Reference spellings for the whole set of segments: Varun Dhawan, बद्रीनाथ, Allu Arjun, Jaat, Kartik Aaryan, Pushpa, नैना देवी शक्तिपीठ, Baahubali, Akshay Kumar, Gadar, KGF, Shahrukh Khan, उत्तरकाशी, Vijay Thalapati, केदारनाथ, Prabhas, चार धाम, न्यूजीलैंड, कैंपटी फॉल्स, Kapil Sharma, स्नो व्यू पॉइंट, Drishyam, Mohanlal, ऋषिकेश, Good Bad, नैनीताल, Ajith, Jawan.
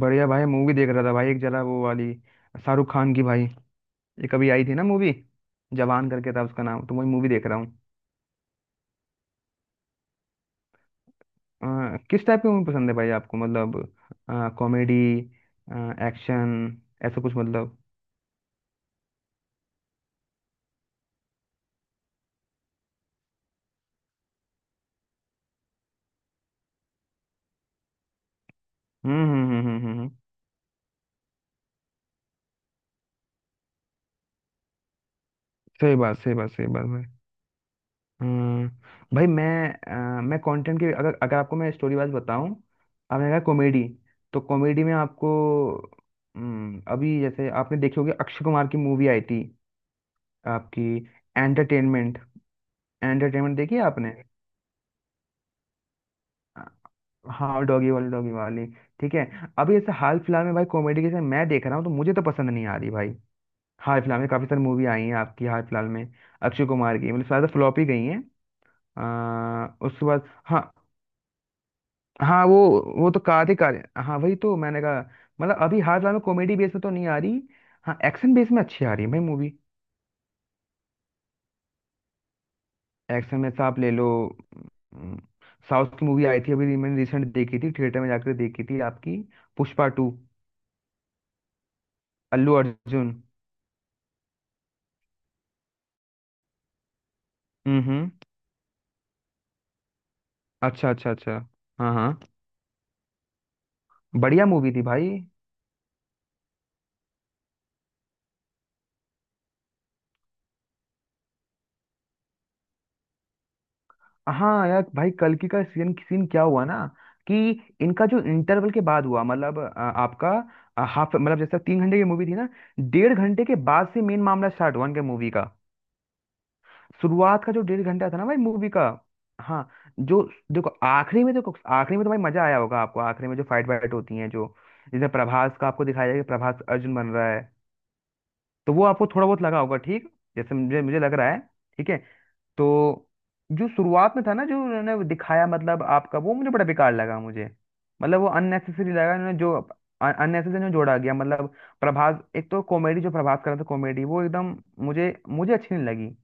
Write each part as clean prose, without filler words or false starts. बढ़िया भाई, मूवी देख रहा था भाई। एक जरा वो वाली शाहरुख खान की भाई, ये कभी आई थी ना मूवी, जवान करके था उसका नाम, तो वही मूवी देख रहा हूँ। किस टाइप की मूवी पसंद है भाई आपको? मतलब कॉमेडी, एक्शन, ऐसा कुछ, मतलब... हम्म, हम्म, हम्म, हम्म, सही बात, सही बात, सही बात भाई। अ, भाई मैं कंटेंट की अगर अगर आपको मैं स्टोरी वाइज बताऊं। आपने कहा कॉमेडी, तो कॉमेडी में आपको... अभी जैसे आपने देखी होगी अक्षय कुमार की मूवी आई थी आपकी। एंटरटेनमेंट, एंटरटेनमेंट देखी है आपने? अ, हाँ, डॉगी वाली, डॉगी वाली, ठीक है। अभी ऐसे हाल फिलहाल में भाई कॉमेडी के जैसे मैं देख रहा हूँ तो मुझे तो पसंद नहीं आ रही भाई। हाल फिलहाल में काफी सारी मूवी आई हैं आपकी, हाल फिलहाल में अक्षय कुमार की, मतलब ज्यादा फ्लॉप ही गई हैं। उसके बाद, हाँ। हाँ वो तो कार्तिक आर्यन, हाँ वही तो मैंने कहा। मतलब अभी हाल फिलहाल में कॉमेडी बेस में तो नहीं आ रही। हाँ, एक्शन बेस में अच्छी आ रही है भाई मूवी। एक्शन में तो आप ले लो, साउथ की मूवी आई थी अभी, मैंने रिसेंट देखी थी थिएटर में जाकर, देखी थी आपकी, पुष्पा टू, अल्लू अर्जुन। हम्म। अच्छा, अच्छा, अच्छा। हाँ, हाँ। बढ़िया मूवी थी भाई। हाँ यार भाई, कल की का सीन, सीन क्या हुआ ना कि इनका जो इंटरवल के बाद हुआ, मतलब आपका हाफ, मतलब जैसा 3 घंटे की मूवी थी ना, 1.5 घंटे के बाद से मेन मामला स्टार्ट हुआ इनके मूवी का। शुरुआत का जो 1.5 घंटा था ना भाई मूवी का। हाँ, जो... देखो आखिरी में, देखो आखिरी में तो भाई मजा आया होगा आपको, आखिरी में जो फाइट वाइट होती है, जो जिसमें प्रभास का आपको दिखाया जाएगा कि प्रभास अर्जुन बन रहा है, तो वो आपको थोड़ा बहुत लगा होगा, ठीक, जैसे मुझे मुझे लग रहा है। ठीक है। तो जो शुरुआत में था ना, जो उन्होंने दिखाया मतलब आपका, वो मुझे बड़ा बेकार लगा मुझे। मतलब वो अननेसेसरी लगा, उन्होंने जो अननेसेसरी में जोड़ा गया मतलब। प्रभास एक तो कॉमेडी, जो प्रभास कर रहा था कॉमेडी, वो एकदम मुझे मुझे अच्छी नहीं लगी।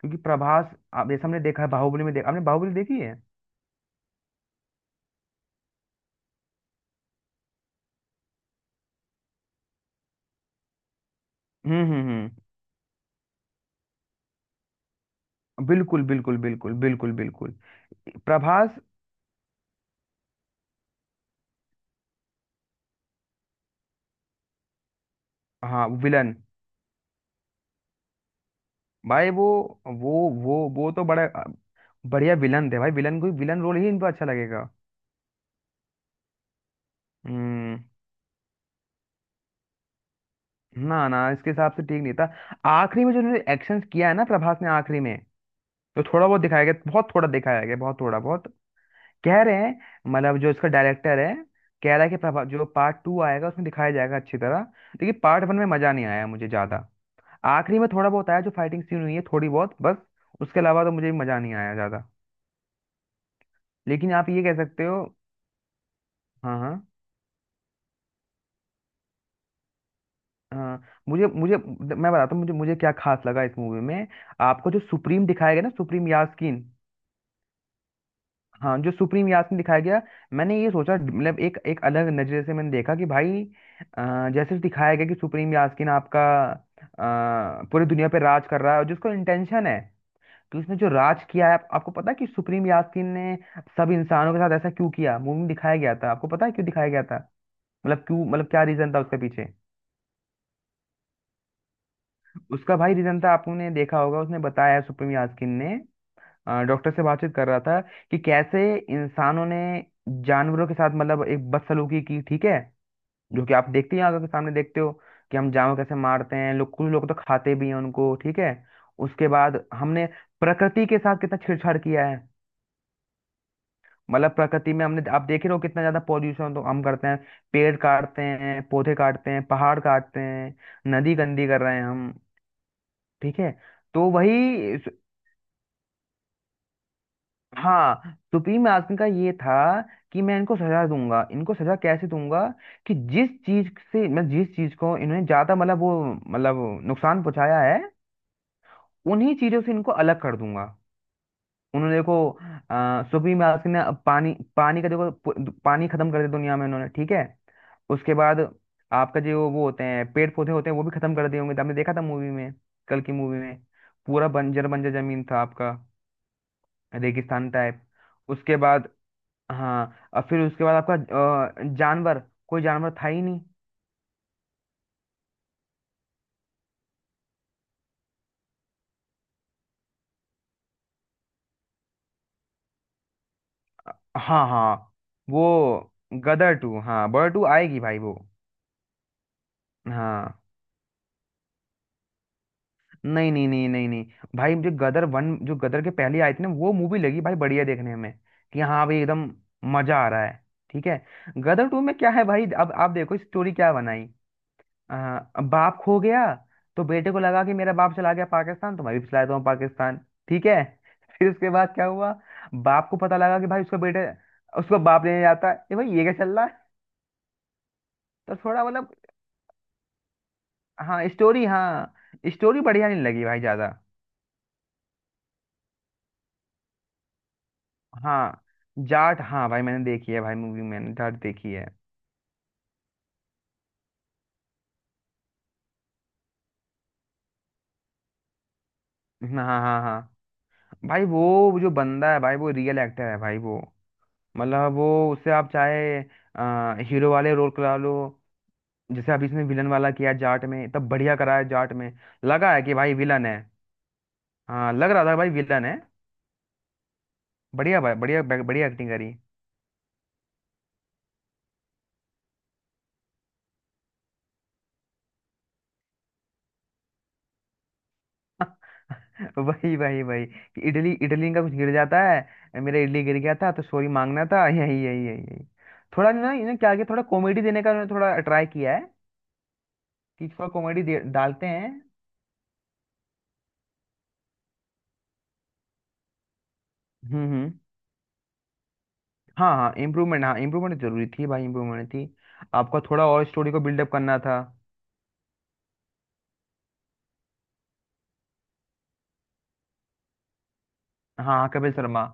क्योंकि प्रभास, आप जैसे हमने देखा है बाहुबली में देखा, आपने बाहुबली देखी है? हम्म, हम्म, हम्म। बिल्कुल, बिल्कुल, बिल्कुल, बिल्कुल, बिल्कुल। प्रभास। हाँ विलन। भाई वो तो बड़ा बढ़िया विलन थे भाई, विलन, कोई विलन रोल ही इनको अच्छा लगेगा। हम्म। ना ना इसके हिसाब से ठीक नहीं था। आखिरी में जो उन्होंने एक्शन किया है ना प्रभास ने आखिरी में, तो थोड़ा बहुत दिखाया गया, बहुत थोड़ा दिखाया गया, बहुत थोड़ा, बहुत... कह रहे हैं मतलब, जो इसका डायरेक्टर है कह रहा है कि जो पार्ट टू आएगा उसमें दिखाया जाएगा अच्छी तरह। लेकिन पार्ट वन में मजा नहीं आया मुझे ज्यादा। आखिरी में थोड़ा बहुत आया, जो फाइटिंग सीन हुई है थोड़ी बहुत बस, उसके अलावा तो मुझे मजा नहीं आया ज्यादा। लेकिन आप ये कह सकते हो। हाँ, हाँ, हाँ। मुझे मुझे मैं बताता हूँ, मुझे मुझे क्या खास लगा इस मूवी में। आपको जो सुप्रीम दिखाया गया ना, सुप्रीम यास्कीन। हाँ, जो सुप्रीम यास में दिखाया गया, मैंने ये सोचा मतलब एक एक अलग नजरिए से मैंने देखा कि भाई जैसे दिखाया गया कि सुप्रीम यास्किन आपका, पूरी दुनिया पे राज कर रहा है और जिसको इंटेंशन है कि उसने जो राज किया है, आपको पता है कि सुप्रीम यास्किन ने सब इंसानों के साथ ऐसा क्यों किया मूवी में दिखाया गया था, आपको पता है क्यों दिखाया गया था? मतलब क्यों? मतलब क्या रीजन था उसके पीछे। उसका भाई रीजन था, आपने देखा होगा, उसने बताया सुप्रीम यास्किन ने, डॉक्टर से बातचीत कर रहा था कि कैसे इंसानों ने जानवरों के साथ मतलब एक बदसलूकी की, ठीक है, जो कि आप देखते ही आंखों के सामने देखते हो कि हम जानवर कैसे मारते हैं, लोग, कुछ लोग तो खाते भी हैं उनको, ठीक है। उसके बाद हमने प्रकृति के साथ कितना छेड़छाड़ किया है, मतलब प्रकृति में हमने, आप देख ही रहे हो कितना ज्यादा पॉल्यूशन तो हम करते हैं, पेड़ काटते हैं, पौधे काटते हैं, पहाड़ काटते हैं, नदी गंदी कर रहे हैं हम, ठीक है। तो वही। हाँ, सुप्रीम आदमी का ये था कि मैं इनको सजा दूंगा, इनको सजा कैसे दूंगा, कि जिस चीज से मैं, जिस चीज को इन्होंने ज्यादा मतलब वो मतलब नुकसान पहुंचाया है, उन्हीं चीजों से इनको अलग कर दूंगा। उन्होंने देखो, सुप्रीम आदमी ने अब पानी, पानी का, देखो, पानी खत्म कर दिया दुनिया में उन्होंने, ठीक है। उसके बाद आपका, जो वो होते हैं पेड़ पौधे होते हैं, वो भी खत्म कर दिए होंगे, आपने देखा था मूवी में, कल की मूवी में, पूरा बंजर बंजर जमीन था आपका, रेगिस्तान टाइप। उसके बाद, हाँ, और फिर उसके बाद आपका जानवर, कोई जानवर था ही नहीं। हाँ हाँ वो गदर टू, हाँ बर्ड टू आएगी भाई वो। हाँ। नहीं, नहीं, नहीं, नहीं, नहीं, भाई जो गदर वन, जो गदर के पहले आई थी ना, वो मूवी लगी भाई बढ़िया, देखने में कि हाँ भाई एकदम मजा आ रहा है, ठीक है। गदर टू में क्या है भाई, अब आप देखो स्टोरी क्या बनाई। अब बाप खो गया, तो बेटे को लगा कि मेरा बाप चला गया पाकिस्तान, तो मैं भी चला जाता हूँ पाकिस्तान, ठीक है। फिर उसके बाद क्या हुआ, बाप को पता लगा कि भाई उसका बेटे, उसको बाप लेने जाता है, ये भाई ये क्या चल रहा है। तो थोड़ा मतलब, हाँ स्टोरी, हाँ स्टोरी बढ़िया नहीं लगी भाई ज्यादा। हाँ जाट, हाँ भाई मैंने देखी है भाई मूवी, मैंने जाट देखी है। हाँ, हाँ, हाँ, हाँ। भाई वो जो बंदा है भाई, वो रियल एक्टर है भाई वो, मतलब वो, उससे आप चाहे हीरो वाले रोल करा लो, जैसे अभी इसने विलन वाला किया जाट में, तब बढ़िया करा है जाट में, लगा है कि भाई विलन है। हाँ, लग रहा था भाई विलन है, बढ़िया भाई, बढ़िया बढ़िया एक्टिंग करी। वही, वही, वही कि इडली, इडली का कुछ गिर जाता है, मेरा इडली गिर गया था तो सॉरी मांगना था। यही, यही, यही, यही। थोड़ा ना इन्हें क्या किया, थोड़ा कॉमेडी देने का इन्होंने थोड़ा ट्राई किया है कि थोड़ा कॉमेडी डालते हैं। हम्म, हम्म। हाँ हाँ इम्प्रूवमेंट, हाँ इम्प्रूवमेंट जरूरी थी भाई, इम्प्रूवमेंट थी, आपका थोड़ा और स्टोरी को बिल्डअप करना था। हाँ हाँ, कपिल शर्मा।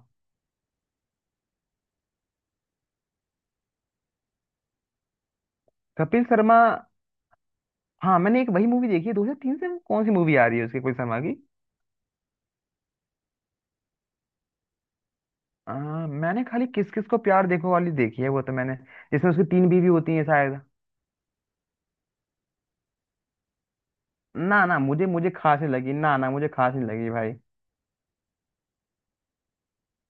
कपिल शर्मा, हाँ मैंने एक वही मूवी देखी है 2003 से, वो कौन सी मूवी आ रही है उसकी, कोई शर्मा की... आ, मैंने खाली किस किस को प्यार देखो वाली देखी है वो, तो मैंने, जिसमें उसकी तीन बीवी होती है शायद। ना ना मुझे, मुझे खास नहीं लगी, ना ना मुझे खास नहीं लगी भाई।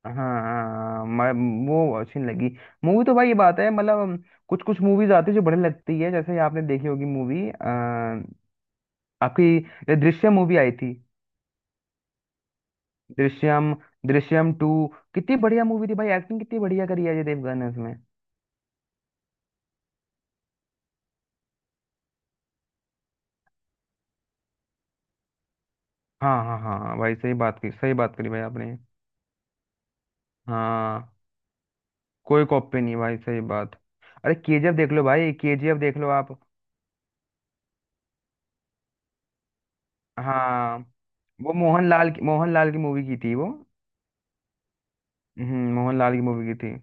हाँ हाँ, मैं, वो अच्छी नहीं लगी मूवी। तो भाई ये बात है मतलब, कुछ कुछ मूवीज आती है जो बढ़िया लगती है, जैसे आपने देखी होगी मूवी आपकी, ये दृश्यम मूवी आई थी, दृश्यम, दृश्यम टू, कितनी बढ़िया मूवी थी भाई, एक्टिंग कितनी बढ़िया करी है अजय देवगन ने उसमें। हाँ, हाँ, हाँ, हाँ भाई, सही बात की, सही बात करी भाई आपने। हाँ, कोई कॉपी नहीं भाई, सही बात। अरे केजीएफ देख लो भाई, केजीएफ देख लो आप। हाँ वो मोहनलाल की, मोहनलाल की मूवी की थी वो। हम्म, मोहनलाल की मूवी की थी।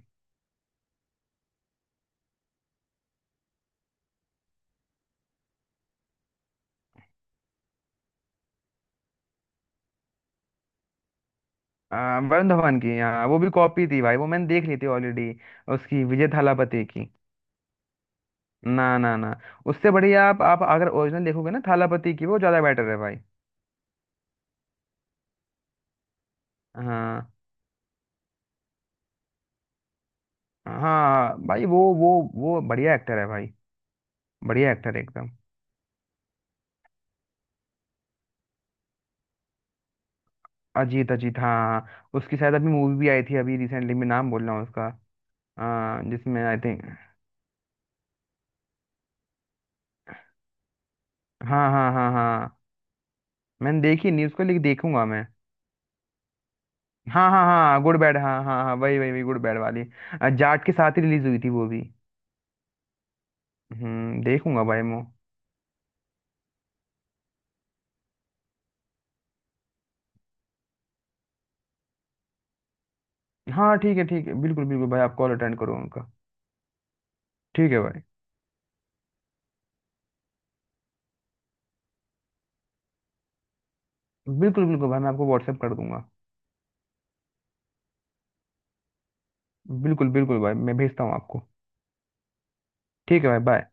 वरुण धवन की, हाँ वो भी कॉपी थी भाई, वो मैंने देख ली थी ऑलरेडी, उसकी विजय थालापति की। ना, ना, ना, उससे बढ़िया, आप अगर ओरिजिनल देखोगे ना थालापति की, वो ज़्यादा बेटर है भाई। हाँ हाँ भाई, वो बढ़िया एक्टर है भाई, बढ़िया एक्टर है एकदम। अजीत, अजीत, हाँ। हाँ उसकी शायद अभी मूवी भी आई थी अभी रिसेंटली, मैं नाम बोल रहा हूँ उसका। हाँ, जिसमें आई थिंक... हाँ, हाँ, हाँ, हाँ, मैंने देखी नहीं उसको लेकिन देखूंगा मैं। हाँ, हाँ, हाँ, गुड बैड, हाँ, हाँ, हाँ, वही, वही, वही, गुड बैड वाली, जाट के साथ ही रिलीज हुई थी वो भी। देखूंगा भाई मो... हाँ ठीक है, ठीक है, बिल्कुल, बिल्कुल भाई, आप कॉल अटेंड करो उनका। ठीक है भाई। बिल्कुल, बिल्कुल भाई, मैं आपको व्हाट्सएप कर दूंगा। बिल्कुल, बिल्कुल भाई, मैं भेजता हूँ आपको। ठीक है भाई, बाय।